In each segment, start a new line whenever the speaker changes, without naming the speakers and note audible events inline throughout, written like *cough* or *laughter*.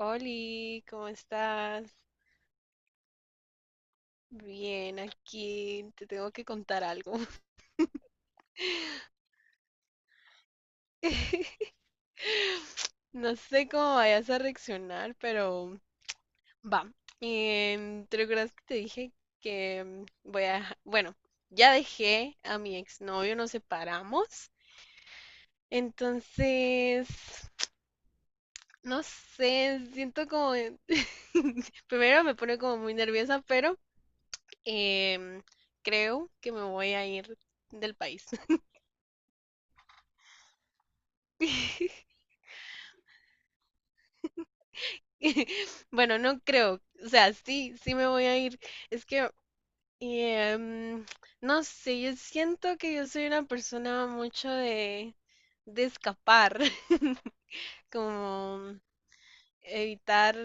Oli, ¿cómo estás? Bien, aquí te tengo que contar algo. *laughs* No sé cómo vayas a reaccionar, pero va. ¿Te recuerdas que te dije que voy a... Bueno, ya dejé a mi exnovio, nos separamos. Entonces, no sé, siento como... *laughs* Primero me pone como muy nerviosa, pero em, creo que me voy a ir del país. *laughs* Bueno, no creo. O sea, sí, sí me voy a ir. Es que, em, no sé, yo siento que yo soy una persona mucho de escapar, *laughs* como evitar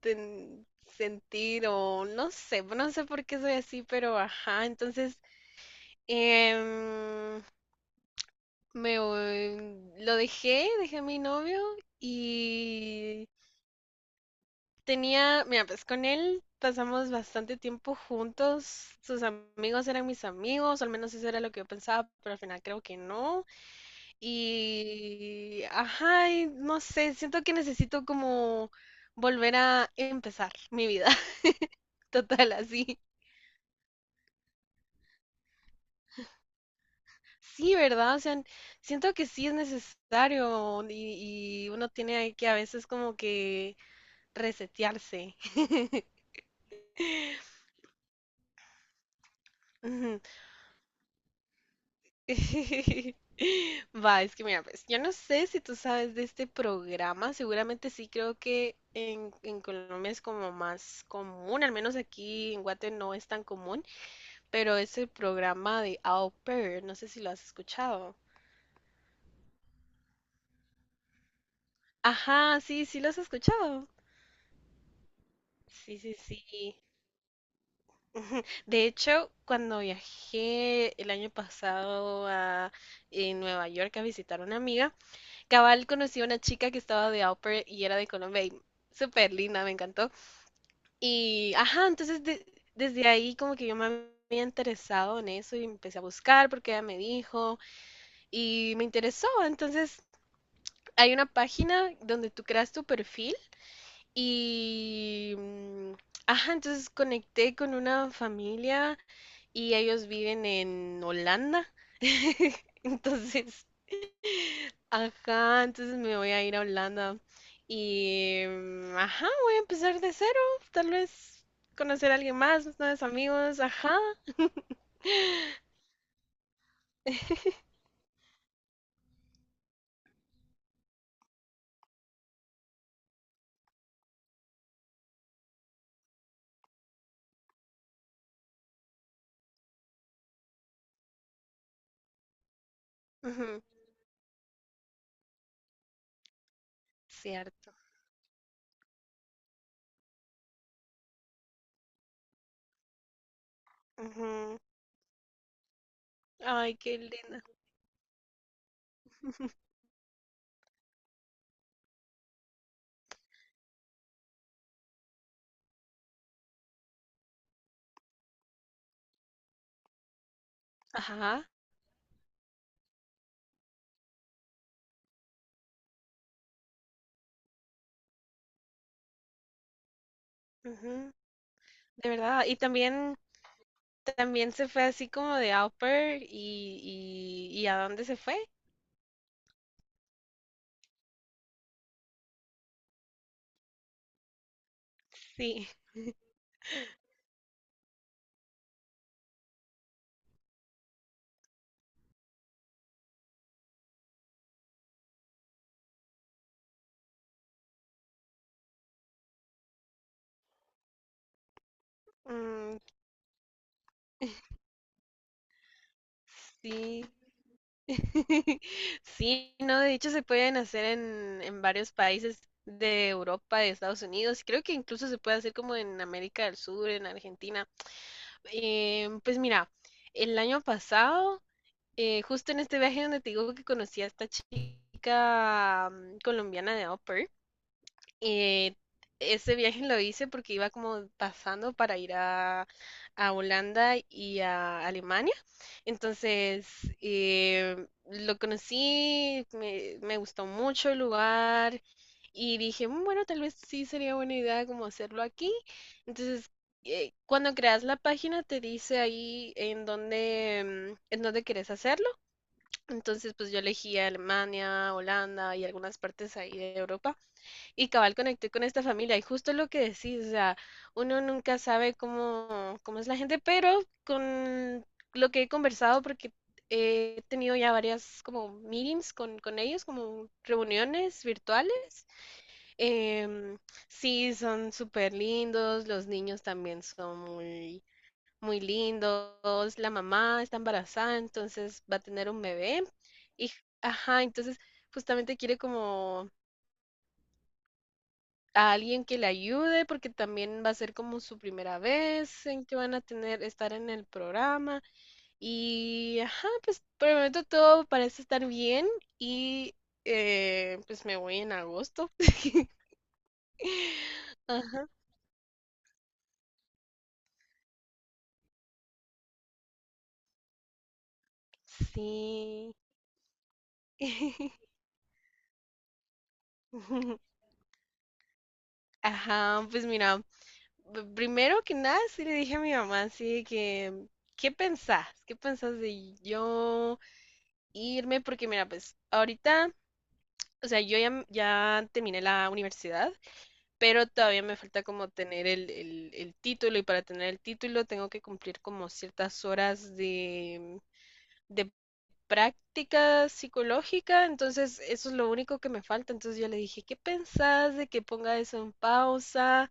sentir o no sé, no sé por qué soy así, pero ajá, entonces em, lo dejé, dejé a mi novio y... Tenía, mira, pues con él pasamos bastante tiempo juntos. Sus amigos eran mis amigos, al menos eso era lo que yo pensaba, pero al final creo que no. Y, ajá, y no sé, siento que necesito como volver a empezar mi vida *laughs* total así. Sí, ¿verdad? O sea, siento que sí es necesario y uno tiene que a veces como que resetearse. *laughs* *laughs* Va, es que mira, pues yo no sé si tú sabes de este programa, seguramente sí, creo que en Colombia es como más común, al menos aquí en Guate no es tan común, pero es el programa de Au Pair, no sé si lo has escuchado. Ajá, sí, sí lo has escuchado. Sí, sí, sí. De hecho, cuando viajé el año pasado a en Nueva York a visitar a una amiga, cabal conocí a una chica que estaba de au pair y era de Colombia y súper linda, me encantó. Y, ajá, desde ahí como que yo me había interesado en eso y empecé a buscar porque ella me dijo y me interesó. Entonces hay una página donde tú creas tu perfil y, ajá, entonces conecté con una familia y ellos viven en Holanda. *laughs* Entonces, ajá, entonces me voy a ir a Holanda y, ajá, voy a empezar de cero, tal vez conocer a alguien más, nuevos amigos, ajá. *laughs* Ujú, cierto. Ujú. Ay, qué linda. *laughs* Ajá, ujú, de verdad. Y también, también se fue así como de au pair y ¿a dónde se fue? Sí. Mm, sí. *laughs* Sí, no, de hecho se pueden hacer en varios países de Europa, de Estados Unidos, creo que incluso se puede hacer como en América del Sur, en Argentina. Pues mira, el año pasado, justo en este viaje donde te digo que conocí a esta chica colombiana de Upper, eh, ese viaje lo hice porque iba como pasando para ir a Holanda y a Alemania. Entonces, lo conocí, me gustó mucho el lugar y dije, bueno, tal vez sí sería buena idea como hacerlo aquí. Entonces, cuando creas la página te dice ahí en dónde, en dónde querés hacerlo. Entonces, pues yo elegí Alemania, Holanda y algunas partes ahí de Europa. Y cabal conecté con esta familia, y justo lo que decís, o sea, uno nunca sabe cómo, cómo es la gente, pero con lo que he conversado, porque he tenido ya varias como meetings con ellos, como reuniones virtuales, em, sí, son súper lindos, los niños también son muy, muy lindos, la mamá está embarazada, entonces va a tener un bebé, y, ajá, entonces justamente quiere como a alguien que le ayude, porque también va a ser como su primera vez en que van a tener, estar en el programa. Y ajá, pues por el momento todo parece estar bien y pues me voy en agosto. *laughs* Ajá, sí. *laughs* Ajá, pues mira, primero que nada sí le dije a mi mamá así que, ¿qué pensás? ¿Qué pensás de yo irme? Porque mira, pues ahorita o sea, yo ya, ya terminé la universidad, pero todavía me falta como tener el título y para tener el título tengo que cumplir como ciertas horas de práctica psicológica, entonces eso es lo único que me falta. Entonces yo le dije, ¿qué pensás de que ponga eso en pausa?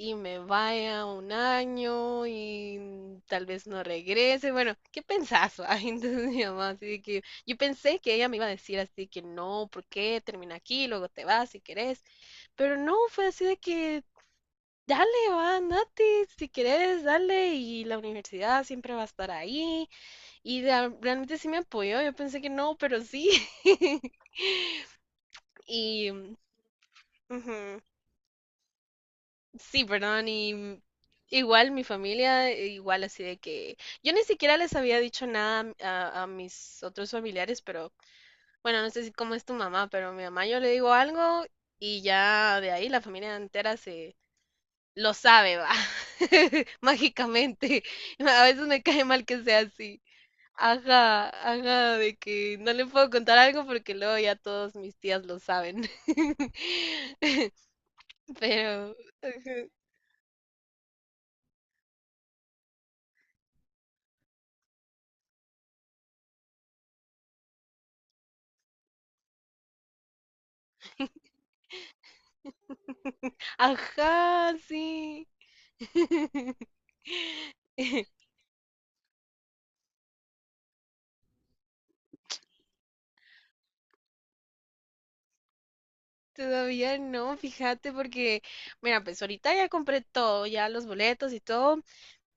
Y me vaya un año y tal vez no regrese. Bueno, ¿qué pensás? ¿Va? *laughs* Entonces mi mamá, así de que yo pensé que ella me iba a decir así que no, ¿por qué? Termina aquí, luego te vas si querés. Pero no, fue así de que dale, va, andate, si querés, dale. Y la universidad siempre va a estar ahí. Realmente sí me apoyó. Yo pensé que no, pero sí. *laughs* Y. Ujú. Sí, perdón, y igual mi familia, igual así de que yo ni siquiera les había dicho nada a, a mis otros familiares, pero bueno, no sé si cómo es tu mamá, pero mi mamá yo le digo algo y ya de ahí la familia entera se lo sabe, va, *laughs* mágicamente. A veces me cae mal que sea así. Ajá, ajá, de que no le puedo contar algo porque luego ya todos mis tías lo saben. *laughs* Pero... ajá. Ajá, sí. *laughs* *laughs* Todavía no, fíjate, porque, mira, pues ahorita ya compré todo, ya los boletos y todo,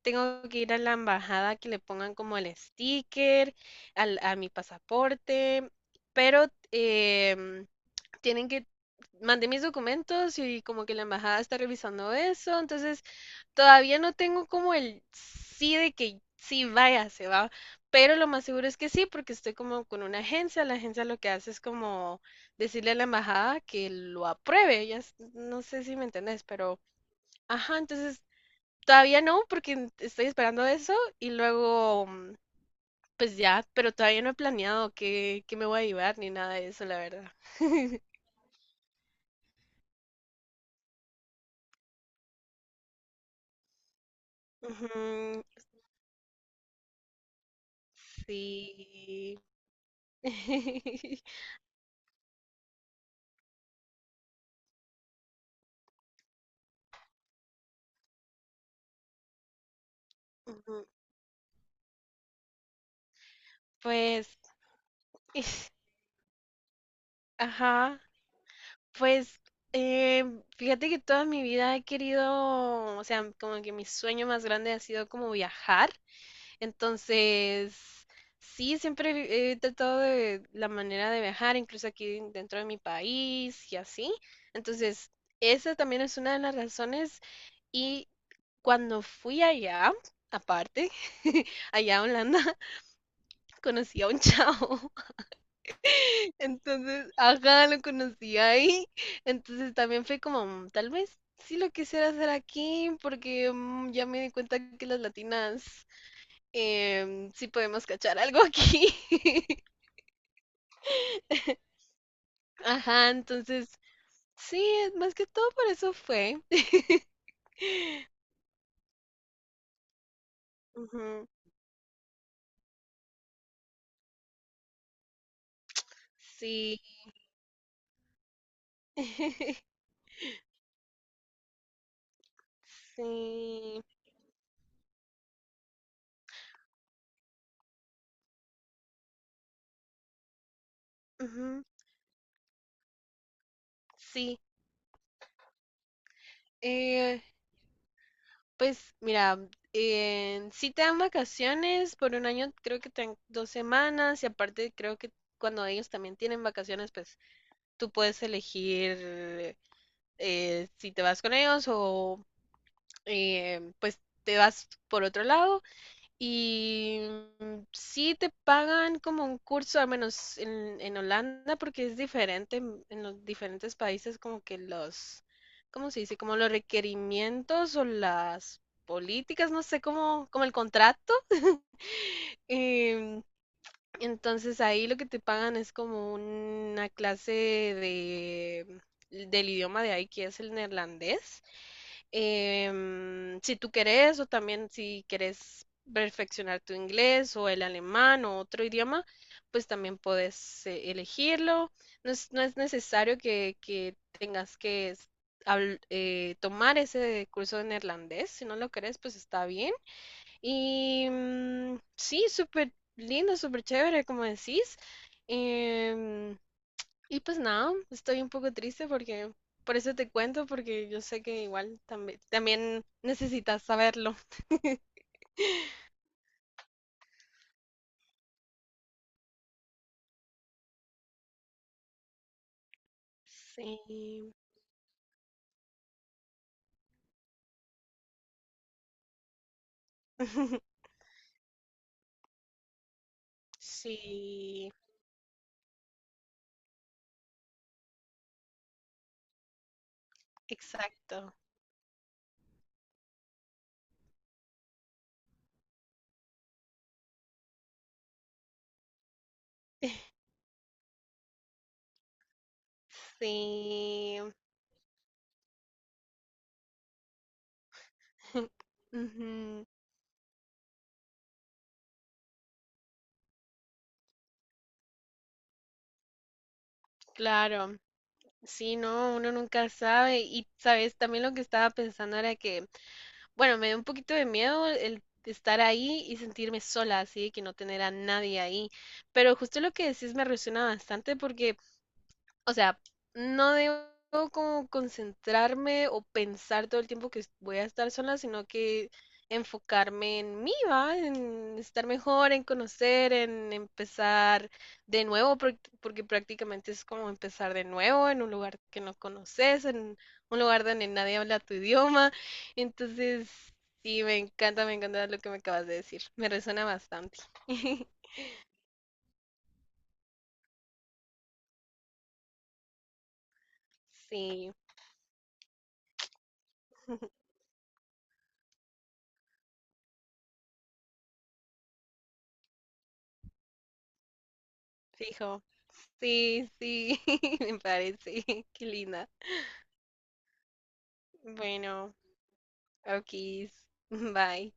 tengo que ir a la embajada que le pongan como el sticker a mi pasaporte, pero em, tienen que, mandé mis documentos y como que la embajada está revisando eso, entonces todavía no tengo como el sí de que sí vaya, se va, pero lo más seguro es que sí, porque estoy como con una agencia, la agencia lo que hace es como decirle a la embajada que lo apruebe, no sé si me entendés, pero... Ajá, entonces todavía no, porque estoy esperando eso y luego, pues ya, pero todavía no he planeado qué, qué me voy a llevar ni nada de eso, la verdad. *laughs* Ujú, sí. *laughs* Ujú, pues, *laughs* ajá, pues, fíjate que toda mi vida he querido, o sea, como que mi sueño más grande ha sido como viajar. Entonces, sí, siempre he tratado de la manera de viajar, incluso aquí dentro de mi país y así. Entonces, esa también es una de las razones. Y cuando fui allá, aparte, *laughs* allá a Holanda, *laughs* conocí a un chavo. *laughs* Entonces, ajá, lo conocí ahí. Entonces también fue como, tal vez sí lo quisiera hacer aquí, porque ya me di cuenta que las latinas si podemos cachar algo aquí. *laughs* Ajá, entonces, sí, es más que todo por eso fue. Ujú, sí, *laughs* sí, ujú, sí. Eh, pues mira, sí te dan vacaciones por un año, creo que te dan dos semanas y aparte creo que cuando ellos también tienen vacaciones, pues tú puedes elegir si te vas con ellos o pues te vas por otro lado. Y sí te pagan como un curso, al menos en Holanda, porque es diferente en los diferentes países, como que los, ¿cómo se dice? Como los requerimientos o las políticas, no sé, como, como el contrato. *laughs* Em, entonces ahí lo que te pagan es como una clase de, del idioma de ahí, que es el neerlandés. Si tú querés, o también si querés perfeccionar tu inglés o el alemán o otro idioma, pues también puedes elegirlo. No es, no es necesario que tengas que tomar ese curso de neerlandés. Si no lo querés, pues está bien. Y sí, súper lindo, súper chévere, como decís. Em, y pues nada, estoy un poco triste porque por eso te cuento, porque yo sé que igual también, también necesitas saberlo. Sí, *laughs* sí, exacto. Sí, *laughs* ujú, claro. Sí, no, uno nunca sabe. Y sabes, también lo que estaba pensando era que, bueno, me dio un poquito de miedo el estar ahí y sentirme sola, así de que no tener a nadie ahí. Pero justo lo que decís me resuena bastante porque o sea, no debo como concentrarme o pensar todo el tiempo que voy a estar sola, sino que enfocarme en mí, ¿va? En estar mejor, en conocer, en empezar de nuevo, porque prácticamente es como empezar de nuevo en un lugar que no conoces, en un lugar donde nadie habla tu idioma. Entonces, sí, me encanta lo que me acabas de decir. Me resuena bastante. *laughs* Sí. Fijo. Sí, sí, *laughs* me parece. Qué linda. Bueno, ok. Bye.